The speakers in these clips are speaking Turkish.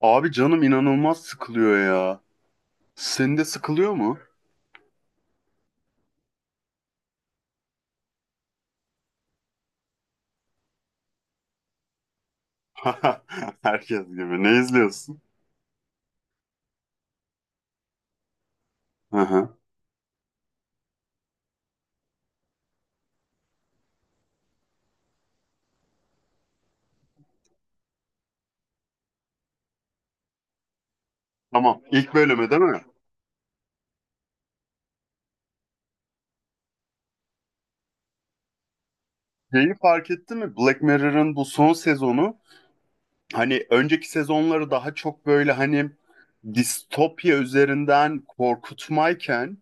Abi canım inanılmaz sıkılıyor ya. Senin de sıkılıyor mu? Herkes gibi. Ne izliyorsun? Hı hı. Tamam. İlk bölümü değil mi? Şeyi fark ettin mi? Black Mirror'ın bu son sezonu hani önceki sezonları daha çok böyle hani distopya üzerinden korkutmayken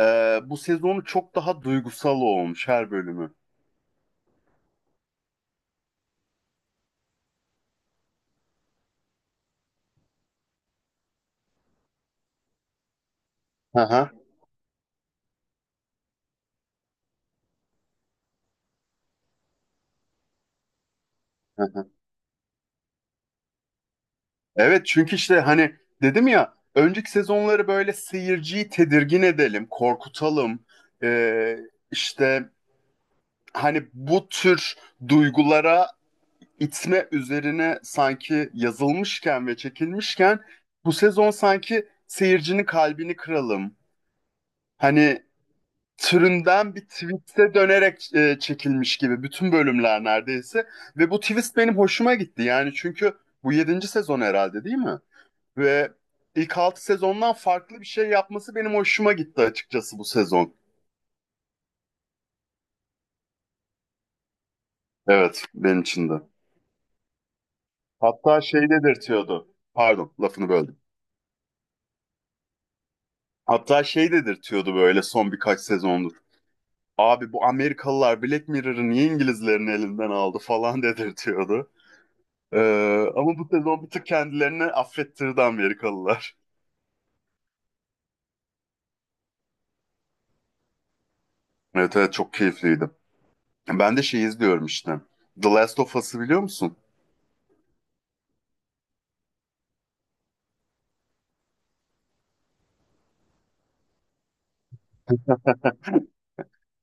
e, bu sezonu çok daha duygusal olmuş her bölümü. Hı hı. Evet çünkü işte hani dedim ya önceki sezonları böyle seyirciyi tedirgin edelim, korkutalım. Ee, işte hani bu tür duygulara itme üzerine sanki yazılmışken ve çekilmişken bu sezon sanki seyircinin kalbini kıralım. Hani türünden bir twist'e dönerek çekilmiş gibi bütün bölümler neredeyse. Ve bu twist benim hoşuma gitti yani çünkü bu yedinci sezon herhalde değil mi? Ve ilk 6 sezondan farklı bir şey yapması benim hoşuma gitti açıkçası bu sezon. Evet, benim için de. Hatta şey dedirtiyordu. Pardon, lafını böldüm. Hatta şey dedirtiyordu böyle son birkaç sezondur. Abi bu Amerikalılar Black Mirror'ı niye İngilizlerin elinden aldı falan dedirtiyordu. Ama bu sezon bir tık kendilerini affettirdi Amerikalılar. Evet, evet, çok keyifliydi. Ben de şey izliyorum işte. The Last of Us'ı biliyor musun?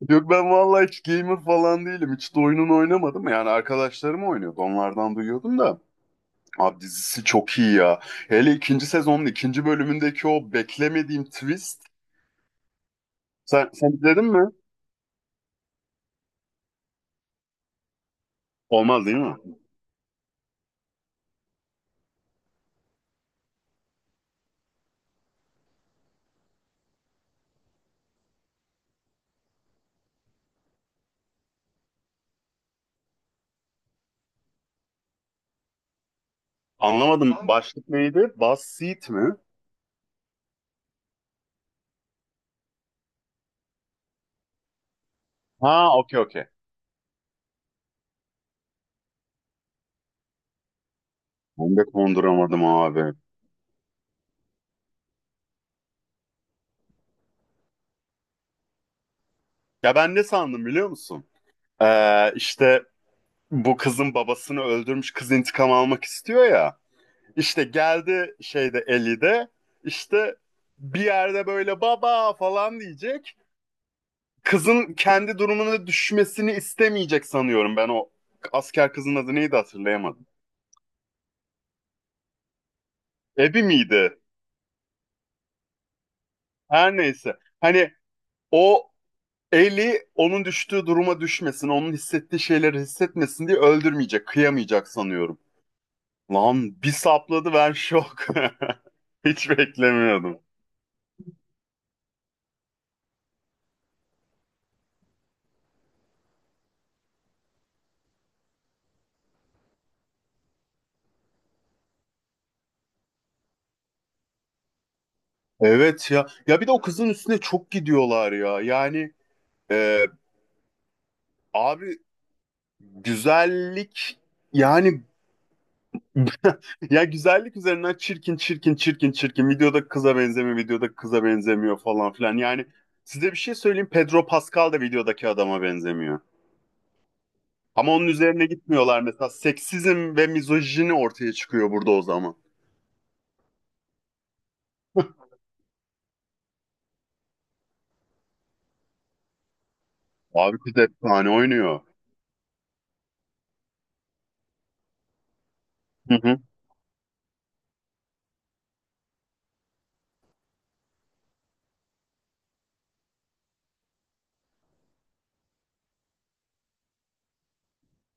Yok ben vallahi hiç gamer falan değilim. Hiç de oyunun oynamadım. Yani arkadaşlarım oynuyordu. Onlardan duyuyordum da. Abi dizisi çok iyi ya. Hele ikinci sezonun ikinci bölümündeki o beklemediğim twist. Sen izledin mi? Olmaz değil mi? Anlamadım. Başlık neydi? Buzz Seat mi? Ha, okey, okey. Ben de konduramadım abi. Ya ben ne sandım biliyor musun? İşte bu kızın babasını öldürmüş kız intikam almak istiyor ya. İşte geldi şeyde 50'de işte bir yerde böyle baba falan diyecek. Kızın kendi durumuna düşmesini istemeyecek sanıyorum ben o asker kızın adı neydi hatırlayamadım. Ebi miydi? Her neyse. Hani o Eli onun düştüğü duruma düşmesin, onun hissettiği şeyleri hissetmesin diye öldürmeyecek, kıyamayacak sanıyorum. Lan bir sapladı ben şok. Hiç beklemiyordum. Evet ya. Ya bir de o kızın üstüne çok gidiyorlar ya. Yani Ee, abi güzellik yani ya güzellik üzerinden çirkin çirkin çirkin çirkin videoda kıza benzemiyor videoda kıza benzemiyor falan filan. Yani size bir şey söyleyeyim Pedro Pascal da videodaki adama benzemiyor. Ama onun üzerine gitmiyorlar mesela seksizm ve mizojini ortaya çıkıyor burada o zaman. Abi kız efsane oynuyor. Hı hı.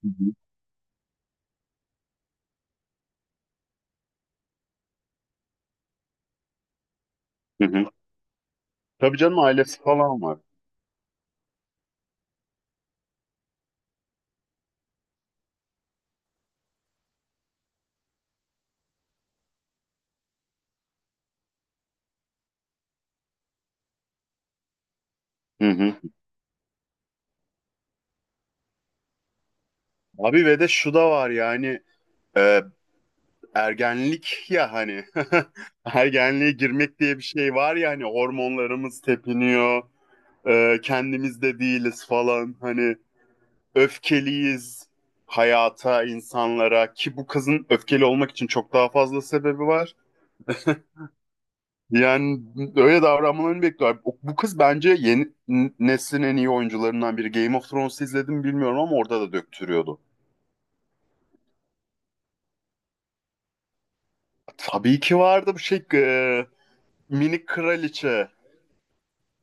Hı hı. Hı hı. Tabii canım ailesi falan var. Hı hı. Abi ve de şu da var yani e, ergenlik ya hani ergenliğe girmek diye bir şey var ya hani hormonlarımız tepiniyor kendimiz de değiliz falan hani öfkeliyiz hayata insanlara ki bu kızın öfkeli olmak için çok daha fazla sebebi var. Yani öyle davranmalarını bekliyor. Bu kız bence yeni neslin en iyi oyuncularından biri. Game of Thrones'u izledim mi bilmiyorum ama orada da döktürüyordu. Tabii ki vardı bu şey minik kraliçe.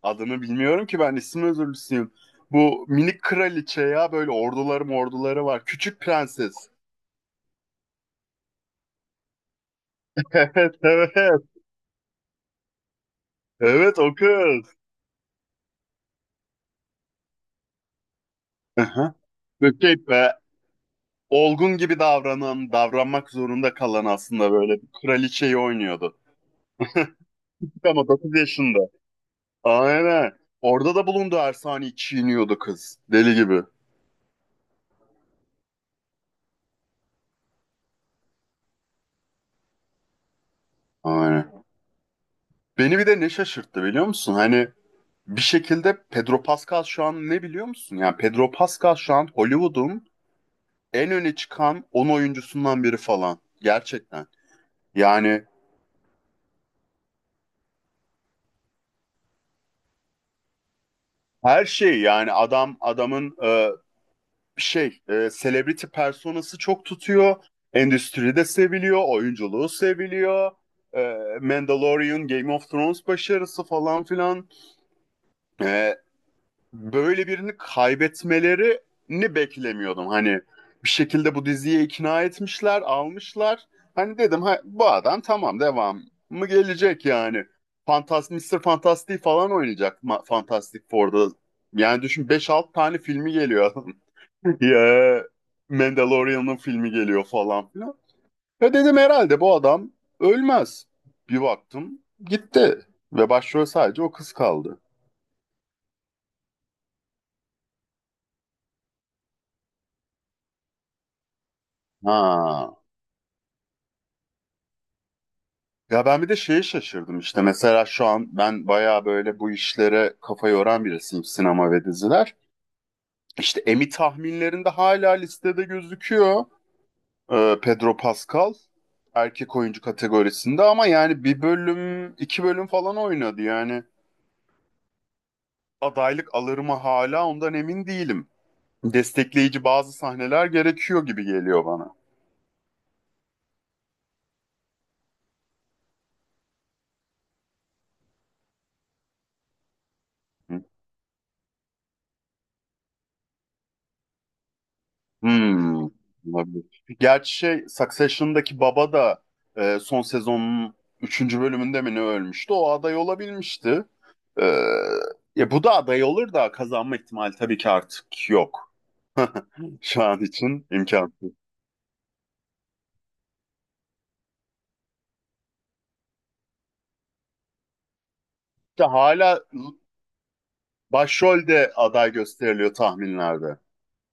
Adını bilmiyorum ki ben isim özürlüsüyüm. Bu minik kraliçe ya böyle orduları var. Küçük prenses. Evet, evet. Evet o kız. Aha. Böyle şey be, olgun gibi davranan, davranmak zorunda kalan aslında böyle bir kraliçeyi oynuyordu. Ama 9 yaşında. Aynen. Orada da bulundu Ersani çiğniyordu kız. Deli gibi. Aynen. Beni bir de ne şaşırttı biliyor musun? Hani bir şekilde Pedro Pascal şu an ne biliyor musun? Yani Pedro Pascal şu an Hollywood'un en öne çıkan 10 oyuncusundan biri falan. Gerçekten. Yani her şey yani adam adamın şey celebrity personası çok tutuyor. Endüstride seviliyor, oyunculuğu seviliyor. Mandalorian, Game of Thrones başarısı falan filan. E, böyle birini kaybetmelerini beklemiyordum. Hani bir şekilde bu diziye ikna etmişler, almışlar. Hani dedim ha, bu adam tamam devam mı gelecek yani. Fantas Mister Fantastic falan oynayacak Fantastic Four'da. Yani düşün beş 6 tane filmi geliyor adam. Ya Mandalorian'ın filmi geliyor falan filan. Ve dedim herhalde bu adam ölmez. Bir baktım gitti. Ve başrol sadece o kız kaldı. Ha. Ya ben bir de şeye şaşırdım işte mesela şu an ben bayağı böyle bu işlere kafa yoran birisiyim sinema ve diziler. İşte Emmy tahminlerinde hala listede gözüküyor. Pedro Pascal erkek oyuncu kategorisinde ama yani bir bölüm iki bölüm falan oynadı yani adaylık alır mı hala ondan emin değilim. Destekleyici bazı sahneler gerekiyor gibi geliyor bana. Hmm, olabilir. Gerçi şey Succession'daki baba da son sezonun üçüncü bölümünde mi ne ölmüştü? O aday olabilmişti. E, ya bu da aday olur da kazanma ihtimali tabii ki artık yok. Şu an için imkansız. İşte hala başrolde aday gösteriliyor tahminlerde.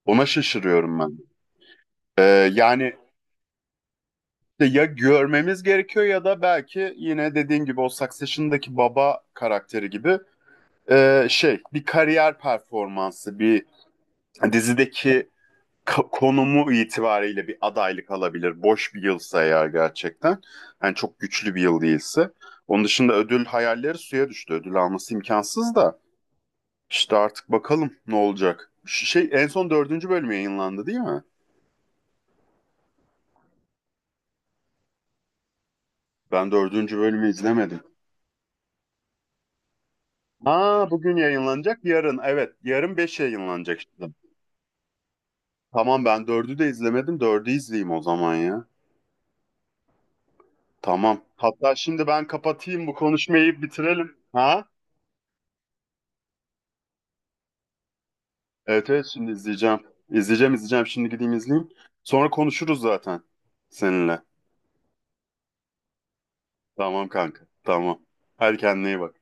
Ona şaşırıyorum ben. E, yani işte ya görmemiz gerekiyor ya da belki yine dediğin gibi o Succession'daki baba karakteri gibi şey bir kariyer performansı, bir dizideki konumu itibariyle bir adaylık alabilir. Boş bir yılsa eğer gerçekten. Yani çok güçlü bir yıl değilse. Onun dışında ödül hayalleri suya düştü. Ödül alması imkansız da. İşte artık bakalım ne olacak. Şey en son dördüncü bölüm yayınlandı değil mi? Ben dördüncü bölümü izlemedim. Ha bugün yayınlanacak yarın. Evet yarın beş yayınlanacak işte. Tamam ben dördü de izlemedim. Dördü izleyeyim o zaman ya. Tamam. Hatta şimdi ben kapatayım bu konuşmayı bitirelim. Ha? Evet, evet, şimdi izleyeceğim. İzleyeceğim, izleyeceğim. Şimdi gideyim izleyeyim. Sonra konuşuruz zaten seninle. Tamam kanka. Tamam. Hadi kendine iyi bak.